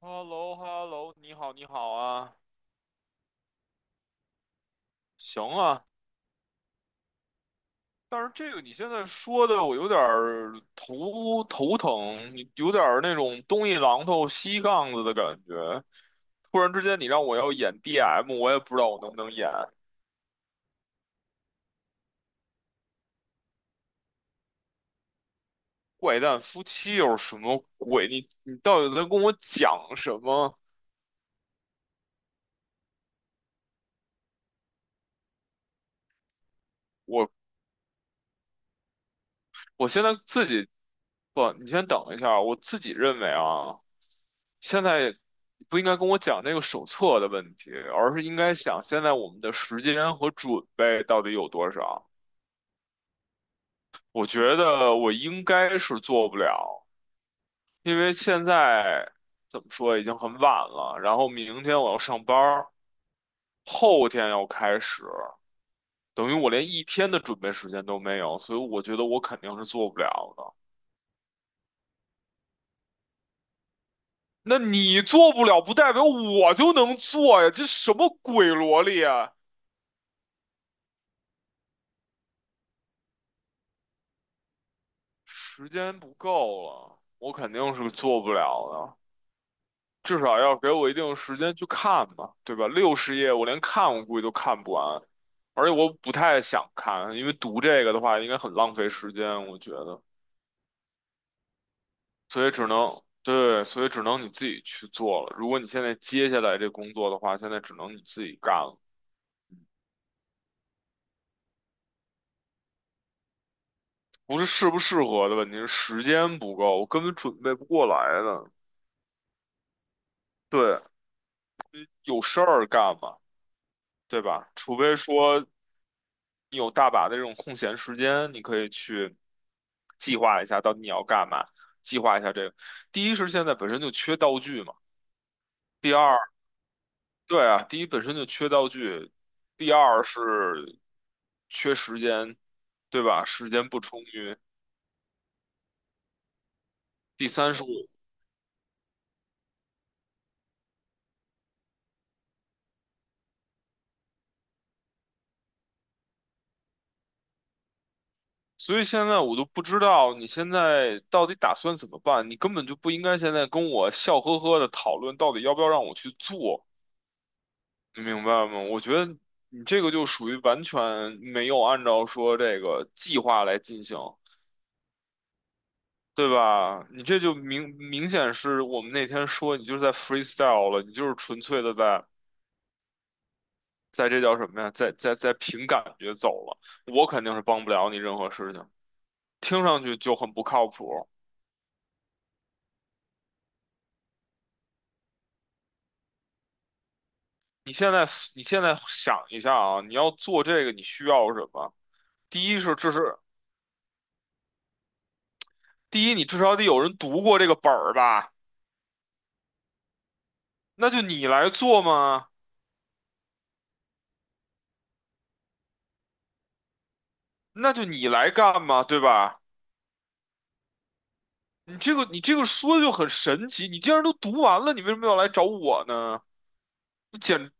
h e l l o h e l l o 你好，你好啊，行啊。但是这个你现在说的，我有点儿头疼，有点儿那种东一榔头西杠子的感觉。突然之间，你让我要演 DM，我也不知道我能不能演。怪诞夫妻又是什么鬼？你到底在跟我讲什么？我我现在自己不，你先等一下，我自己认为啊。现在不应该跟我讲那个手册的问题，而是应该想现在我们的时间和准备到底有多少。我觉得我应该是做不了，因为现在怎么说已经很晚了，然后明天我要上班儿，后天要开始，等于我连一天的准备时间都没有，所以我觉得我肯定是做不了的。那你做不了，不代表我就能做呀，这什么鬼逻辑啊！时间不够了，我肯定是做不了的。至少要给我一定时间去看吧，对吧？六十页我连看我估计都看不完，而且我不太想看，因为读这个的话应该很浪费时间，我觉得。所以只能，对，所以只能你自己去做了。如果你现在接下来这工作的话，现在只能你自己干了，不是适不适合的问题，是时间不够，我根本准备不过来的。对，有事儿干嘛，对吧？除非说你有大把的这种空闲时间，你可以去计划一下到底你要干嘛，计划一下这个。第一是现在本身就缺道具嘛，第二，对啊，第一本身就缺道具，第二是缺时间，对吧？时间不充裕，第三是我，所以现在我都不知道你现在到底打算怎么办，你根本就不应该现在跟我笑呵呵的讨论到底要不要让我去做。你明白吗？我觉得你这个就属于完全没有按照说这个计划来进行，对吧？你这就明明显是我们那天说你就是在 freestyle 了，你就是纯粹的在在这叫什么呀？在在在凭感觉走了。我肯定是帮不了你任何事情，听上去就很不靠谱。你现在你现在想一下啊，你要做这个你需要什么？第一是这是第一，你至少得有人读过这个本儿吧？那就你来做嘛。那就你来干嘛，对吧？你这个说的就很神奇，你既然都读完了，你为什么要来找我呢？你简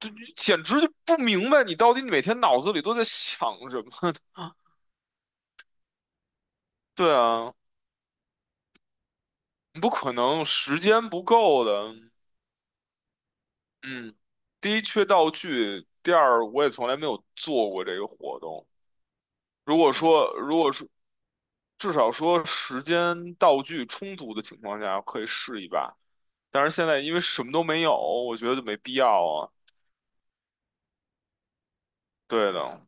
就，简直就不明白你到底每天脑子里都在想什么呢。对啊，不可能，时间不够的。嗯，第一缺道具，第二我也从来没有做过这个活动。如果说至少说时间道具充足的情况下，可以试一把。但是现在因为什么都没有，我觉得就没必要啊。对的，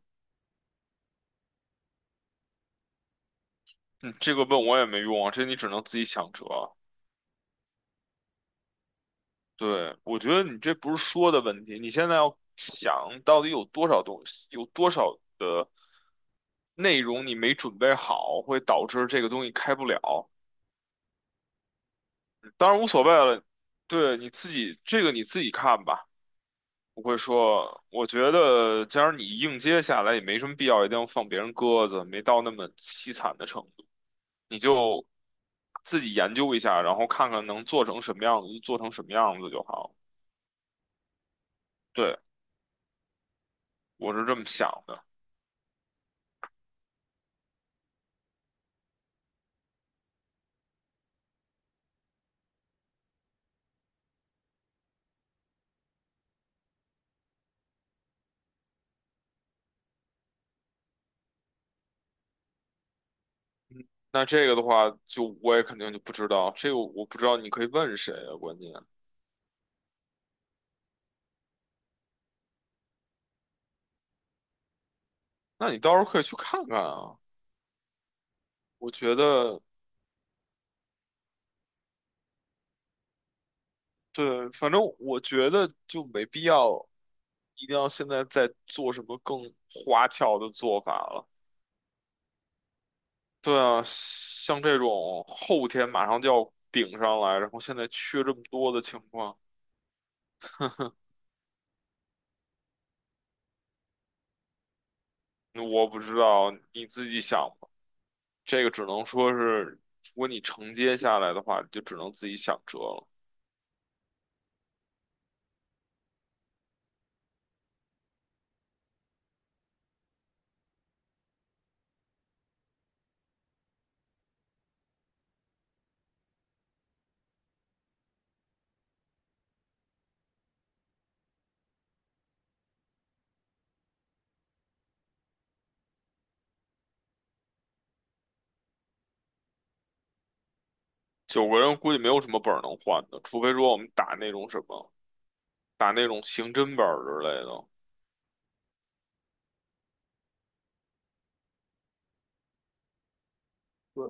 嗯，这个问我也没用啊，这你只能自己想辙啊。对，我觉得你这不是说的问题，你现在要想到底有多少东西，有多少的内容你没准备好，会导致这个东西开不了。当然无所谓了，对，你自己看吧。不会说，我觉得既然你硬接下来也没什么必要，一定要放别人鸽子，没到那么凄惨的程度。你就自己研究一下，然后看看能做成什么样子，就做成什么样子就好。对，我是这么想的。那这个的话，就我也肯定就不知道，这个我不知道，你可以问谁啊？关键，那你到时候可以去看看啊。我觉得，对，反正我觉得就没必要，一定要现在再做什么更花俏的做法了。对啊，像这种后天马上就要顶上来，然后现在缺这么多的情况。我不知道，你自己想吧。这个只能说是，如果你承接下来的话，就只能自己想辙了。九个人估计没有什么本儿能换的，除非说我们打那种什么，打那种刑侦本儿之类的。对，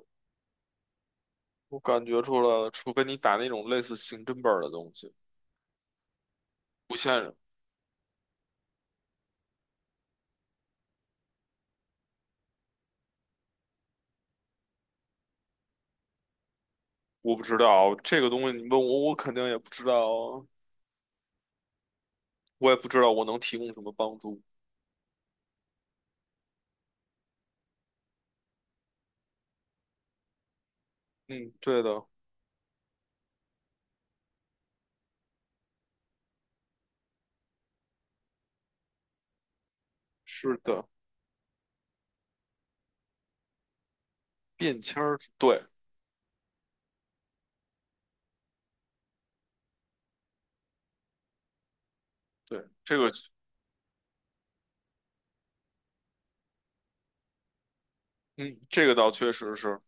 我感觉出来了，除非你打那种类似刑侦本儿的东西，不限人。我不知道这个东西，你问我，我肯定也不知道啊，我也不知道我能提供什么帮助。嗯，对的，是的，便签儿，对对，这个，嗯，这个倒确实是。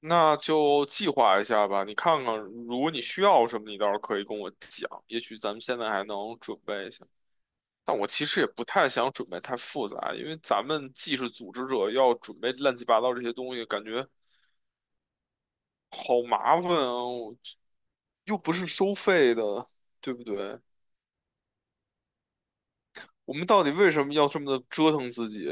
那就计划一下吧。你看看，如果你需要什么，你倒是可以跟我讲，也许咱们现在还能准备一下。但我其实也不太想准备太复杂，因为咱们既是组织者，要准备乱七八糟这些东西，感觉好麻烦啊！我又不是收费的，对不对？我们到底为什么要这么的折腾自己？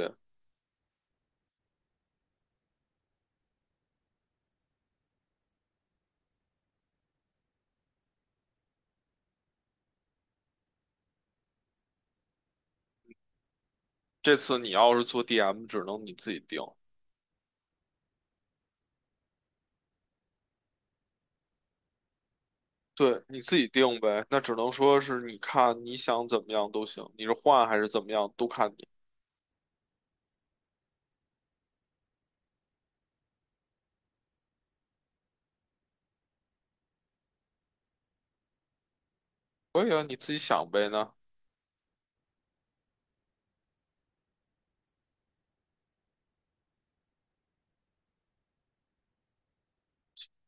这次你要是做 DM，只能你自己定。对，你自己定呗。那只能说是你看你想怎么样都行，你是换还是怎么样都看你。可以啊，你自己想呗那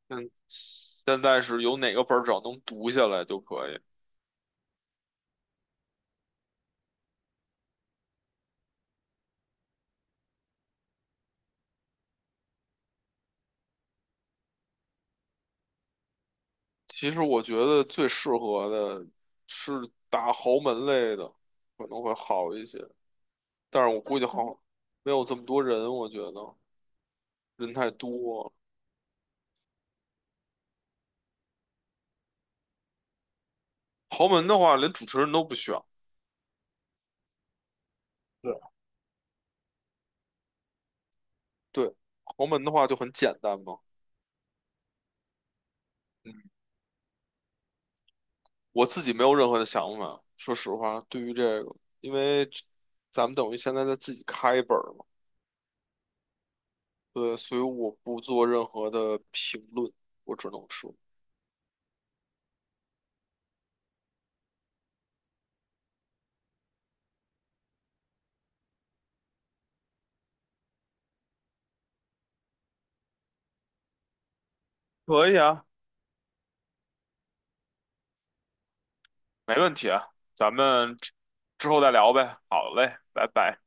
嗯，现在是有哪个本儿只要能读下来就可以。其实我觉得最适合的是打豪门类的，可能会好一些。但是我估计好没有这么多人，我觉得人太多。豪门的话，连主持人都不选。对，对，豪门的话就很简单嘛。嗯我自己没有任何的想法，说实话，对于这个，因为这咱们等于现在在自己开一本儿嘛，对，所以我不做任何的评论，我只能说，可以啊，没问题啊，咱们之后再聊呗。好嘞，拜拜。